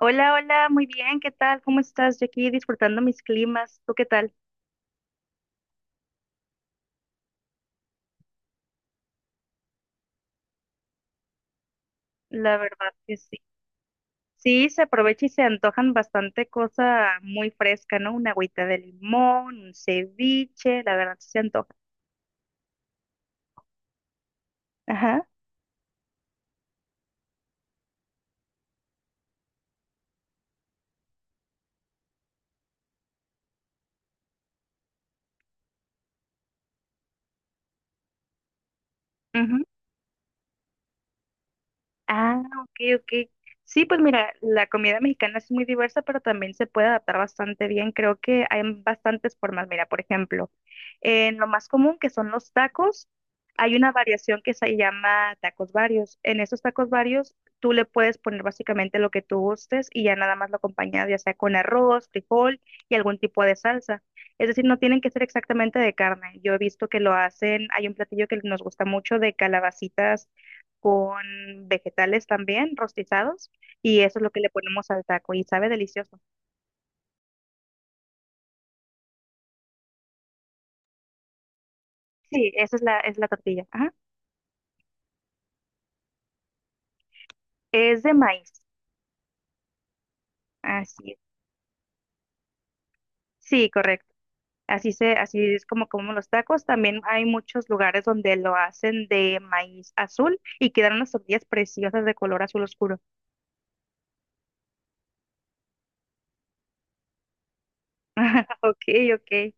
Hola, hola, muy bien, ¿qué tal? ¿Cómo estás? Yo aquí disfrutando mis climas, ¿tú qué tal? La verdad que sí. Sí, se aprovecha y se antojan bastante cosa muy fresca, ¿no? Una agüita de limón, un ceviche, la verdad sí se antoja. Ajá. Ah, ok, ok. Sí, pues mira, la comida mexicana es muy diversa, pero también se puede adaptar bastante bien. Creo que hay bastantes formas. Mira, por ejemplo, en lo más común que son los tacos, hay una variación que se llama tacos varios. En esos tacos varios, tú le puedes poner básicamente lo que tú gustes y ya nada más lo acompañas, ya sea con arroz, frijol y algún tipo de salsa. Es decir, no tienen que ser exactamente de carne. Yo he visto que lo hacen, hay un platillo que nos gusta mucho de calabacitas con vegetales también rostizados y eso es lo que le ponemos al taco y sabe delicioso. Sí, esa es la tortilla. Ajá. Es de maíz. Así es. Sí, correcto. Así es como comemos los tacos. También hay muchos lugares donde lo hacen de maíz azul y quedan unas tortillas preciosas de color azul oscuro. Ok, ok.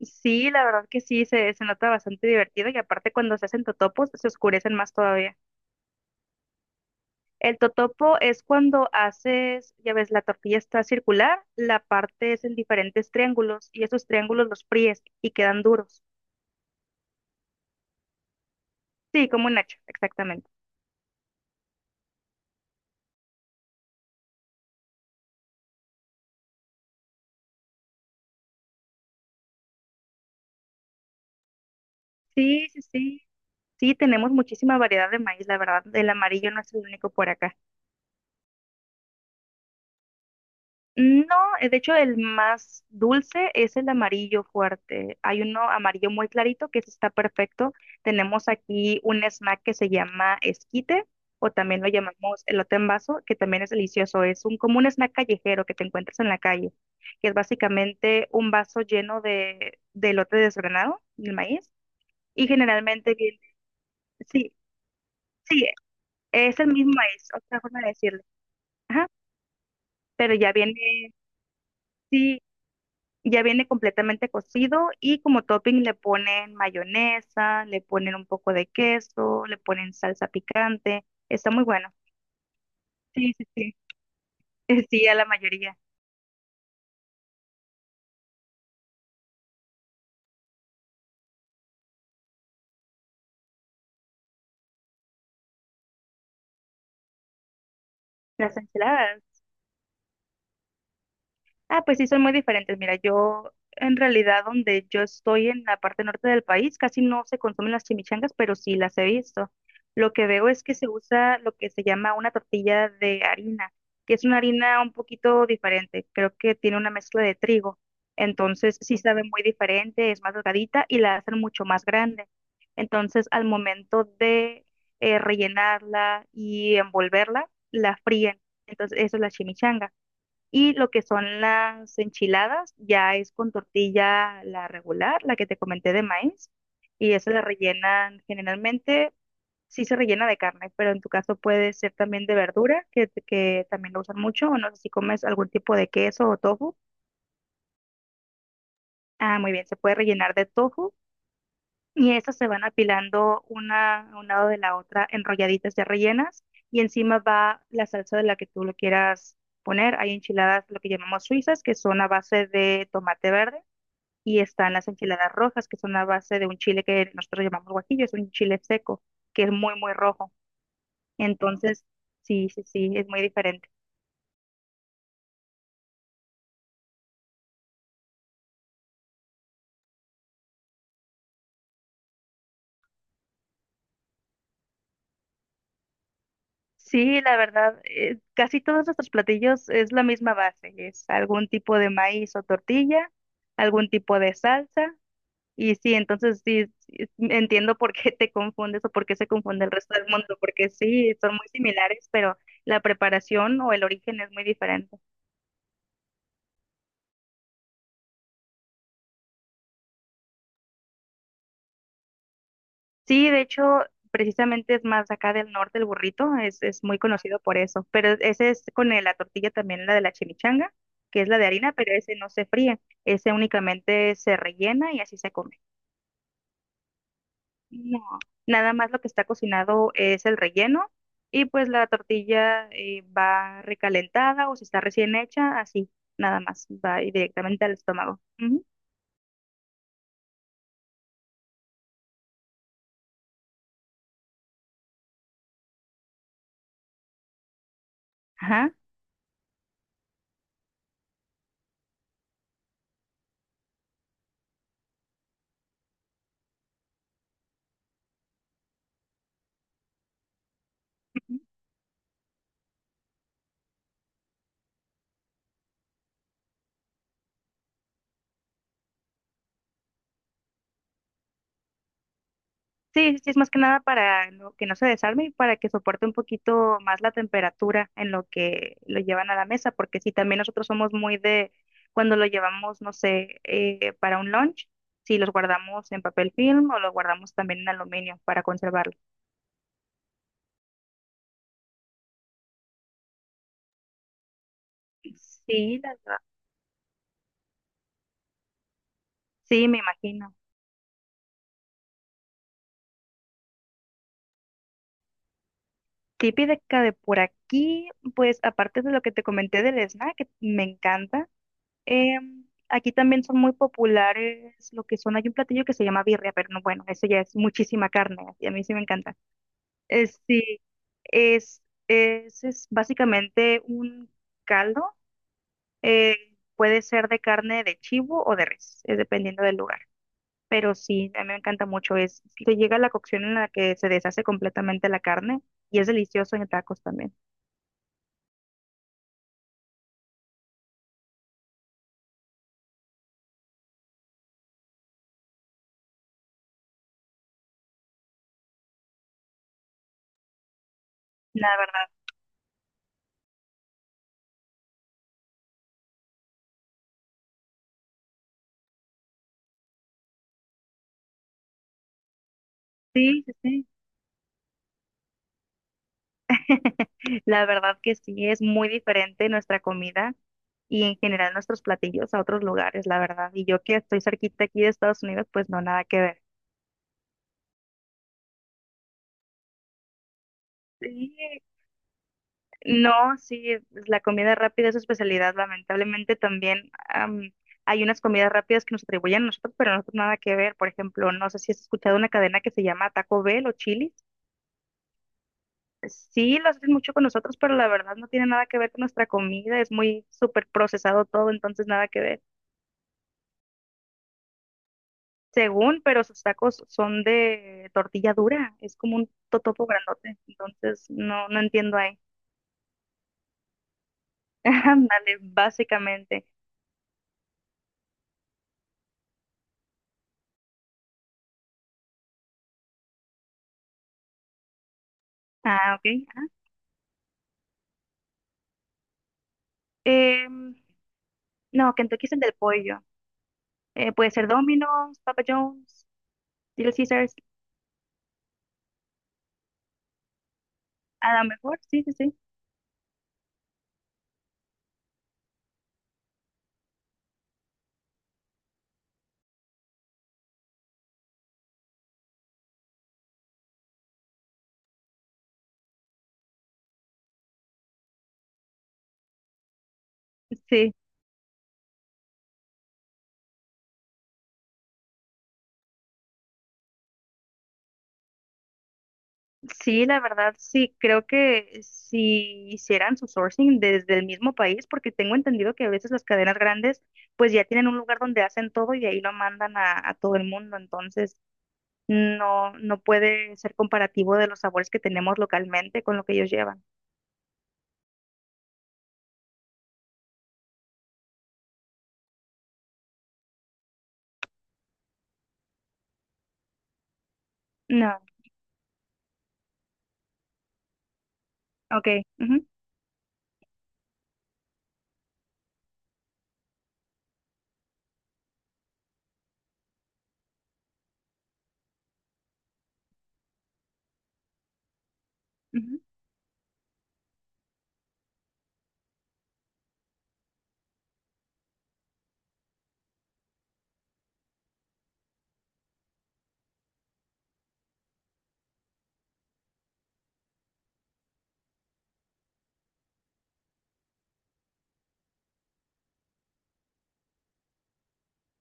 Sí, la verdad que sí, se nota bastante divertido y aparte cuando se hacen totopos se oscurecen más todavía. El totopo es cuando haces, ya ves, la tortilla está circular, la parte es en diferentes triángulos y esos triángulos los fríes y quedan duros. Sí, como un nacho, exactamente. Sí, sí, sí. Sí, tenemos muchísima variedad de maíz, la verdad. El amarillo no es el único por acá. No, de hecho el más dulce es el amarillo fuerte. Hay uno amarillo muy clarito que ese está perfecto. Tenemos aquí un snack que se llama esquite o también lo llamamos elote en vaso, que también es delicioso. Es un como un snack callejero que te encuentras en la calle, que es básicamente un vaso lleno de elote desgranado, el maíz, y generalmente viene, sí, sí, es el mismo maíz, otra forma de decirlo. Ajá, pero ya viene, sí, ya viene completamente cocido y como topping le ponen mayonesa, le ponen un poco de queso, le ponen salsa picante. Está muy bueno. Sí, sí, sí. Sí, a la mayoría. Las ensaladas. Ah, pues sí, son muy diferentes. Mira, yo en realidad donde yo estoy en la parte norte del país, casi no se consumen las chimichangas, pero sí las he visto. Lo que veo es que se usa lo que se llama una tortilla de harina, que es una harina un poquito diferente. Creo que tiene una mezcla de trigo. Entonces sí sabe muy diferente, es más delgadita y la hacen mucho más grande. Entonces al momento de rellenarla y envolverla, la fríen. Entonces eso es la chimichanga. Y lo que son las enchiladas ya es con tortilla la regular, la que te comenté de maíz, y esa la rellenan generalmente, sí se rellena de carne, pero en tu caso puede ser también de verdura, que también lo usan mucho, o no sé si comes algún tipo de queso o tofu. Ah, muy bien, se puede rellenar de tofu y esas se van apilando una a un lado de la otra, enrolladitas ya rellenas, y encima va la salsa de la que tú lo quieras poner. Hay enchiladas, lo que llamamos suizas, que son a base de tomate verde y están las enchiladas rojas, que son a base de un chile que nosotros llamamos guajillo, es un chile seco, que es muy, muy rojo. Entonces, sí, sí, sí, es muy diferente. Sí, la verdad, casi todos nuestros platillos es la misma base, es algún tipo de maíz o tortilla, algún tipo de salsa, y sí, entonces sí, sí, entiendo por qué te confundes o por qué se confunde el resto del mundo, porque sí, son muy similares, pero la preparación o el origen es muy diferente. Sí, de hecho, precisamente es más acá del norte el burrito, es muy conocido por eso, pero ese es con la tortilla también, la de la chimichanga, que es la de harina, pero ese no se fríe, ese únicamente se rellena y así se come. No, nada más lo que está cocinado es el relleno y pues la tortilla va recalentada o si está recién hecha, así, nada más, va directamente al estómago. Ujú. Ajá. Sí, sí, es más que nada para que no se desarme y para que soporte un poquito más la temperatura en lo que lo llevan a la mesa, porque si también nosotros somos muy de cuando lo llevamos, no sé, para un lunch, si los guardamos en papel film o los guardamos también en aluminio para conservarlo. Sí, la verdad. Sí, me imagino. Típica de por aquí, pues aparte de lo que te comenté del snack, que me encanta, aquí también son muy populares lo que son, hay un platillo que se llama birria, pero no, bueno, eso ya es muchísima carne, y a mí sí me encanta. Es, sí, es, es básicamente un caldo, eh, puede ser de carne de chivo o de res, es dependiendo del lugar. Pero sí, a mí me encanta mucho, es, si te llega la cocción en la que se deshace completamente la carne y es delicioso en tacos también. La verdad, sí, sí, sí. La verdad que sí, es muy diferente nuestra comida y en general nuestros platillos a otros lugares, la verdad. Y yo que estoy cerquita aquí de Estados Unidos, pues no, nada que ver. Sí, no, sí, pues, la comida rápida es su especialidad, lamentablemente también hay unas comidas rápidas que nos atribuyen a nosotros, pero a nosotros nada que ver. Por ejemplo, no sé si has escuchado una cadena que se llama Taco Bell o Chili's. Sí, lo hacen mucho con nosotros, pero la verdad no tiene nada que ver con nuestra comida, es muy súper procesado todo, entonces nada que ver. Según, pero sus tacos son de tortilla dura, es como un totopo grandote, entonces no, no entiendo ahí. Ándale, básicamente. Ah, ok. Ah. Em, no, Kentucky es el del pollo. Puede ser Domino's, Papa John's, Little Caesars, a lo mejor, sí, sí, sí. Sí, sí, la verdad, sí, creo que si hicieran su sourcing desde el mismo país, porque tengo entendido que a veces las cadenas grandes pues ya tienen un lugar donde hacen todo y ahí lo mandan a todo el mundo, entonces no, no puede ser comparativo de los sabores que tenemos localmente con lo que ellos llevan. No, ok. Ujú, ujú.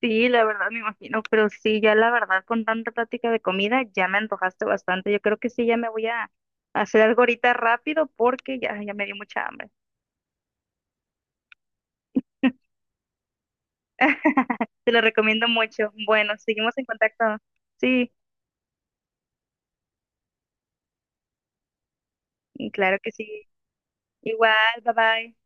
Sí, la verdad me imagino, pero sí, ya la verdad con tanta plática de comida ya me antojaste bastante. Yo creo que sí, ya me voy a hacer algo ahorita rápido porque ya, ya me dio mucha hambre. Te lo recomiendo mucho. Bueno, seguimos en contacto. Sí, claro que sí. Igual, bye bye.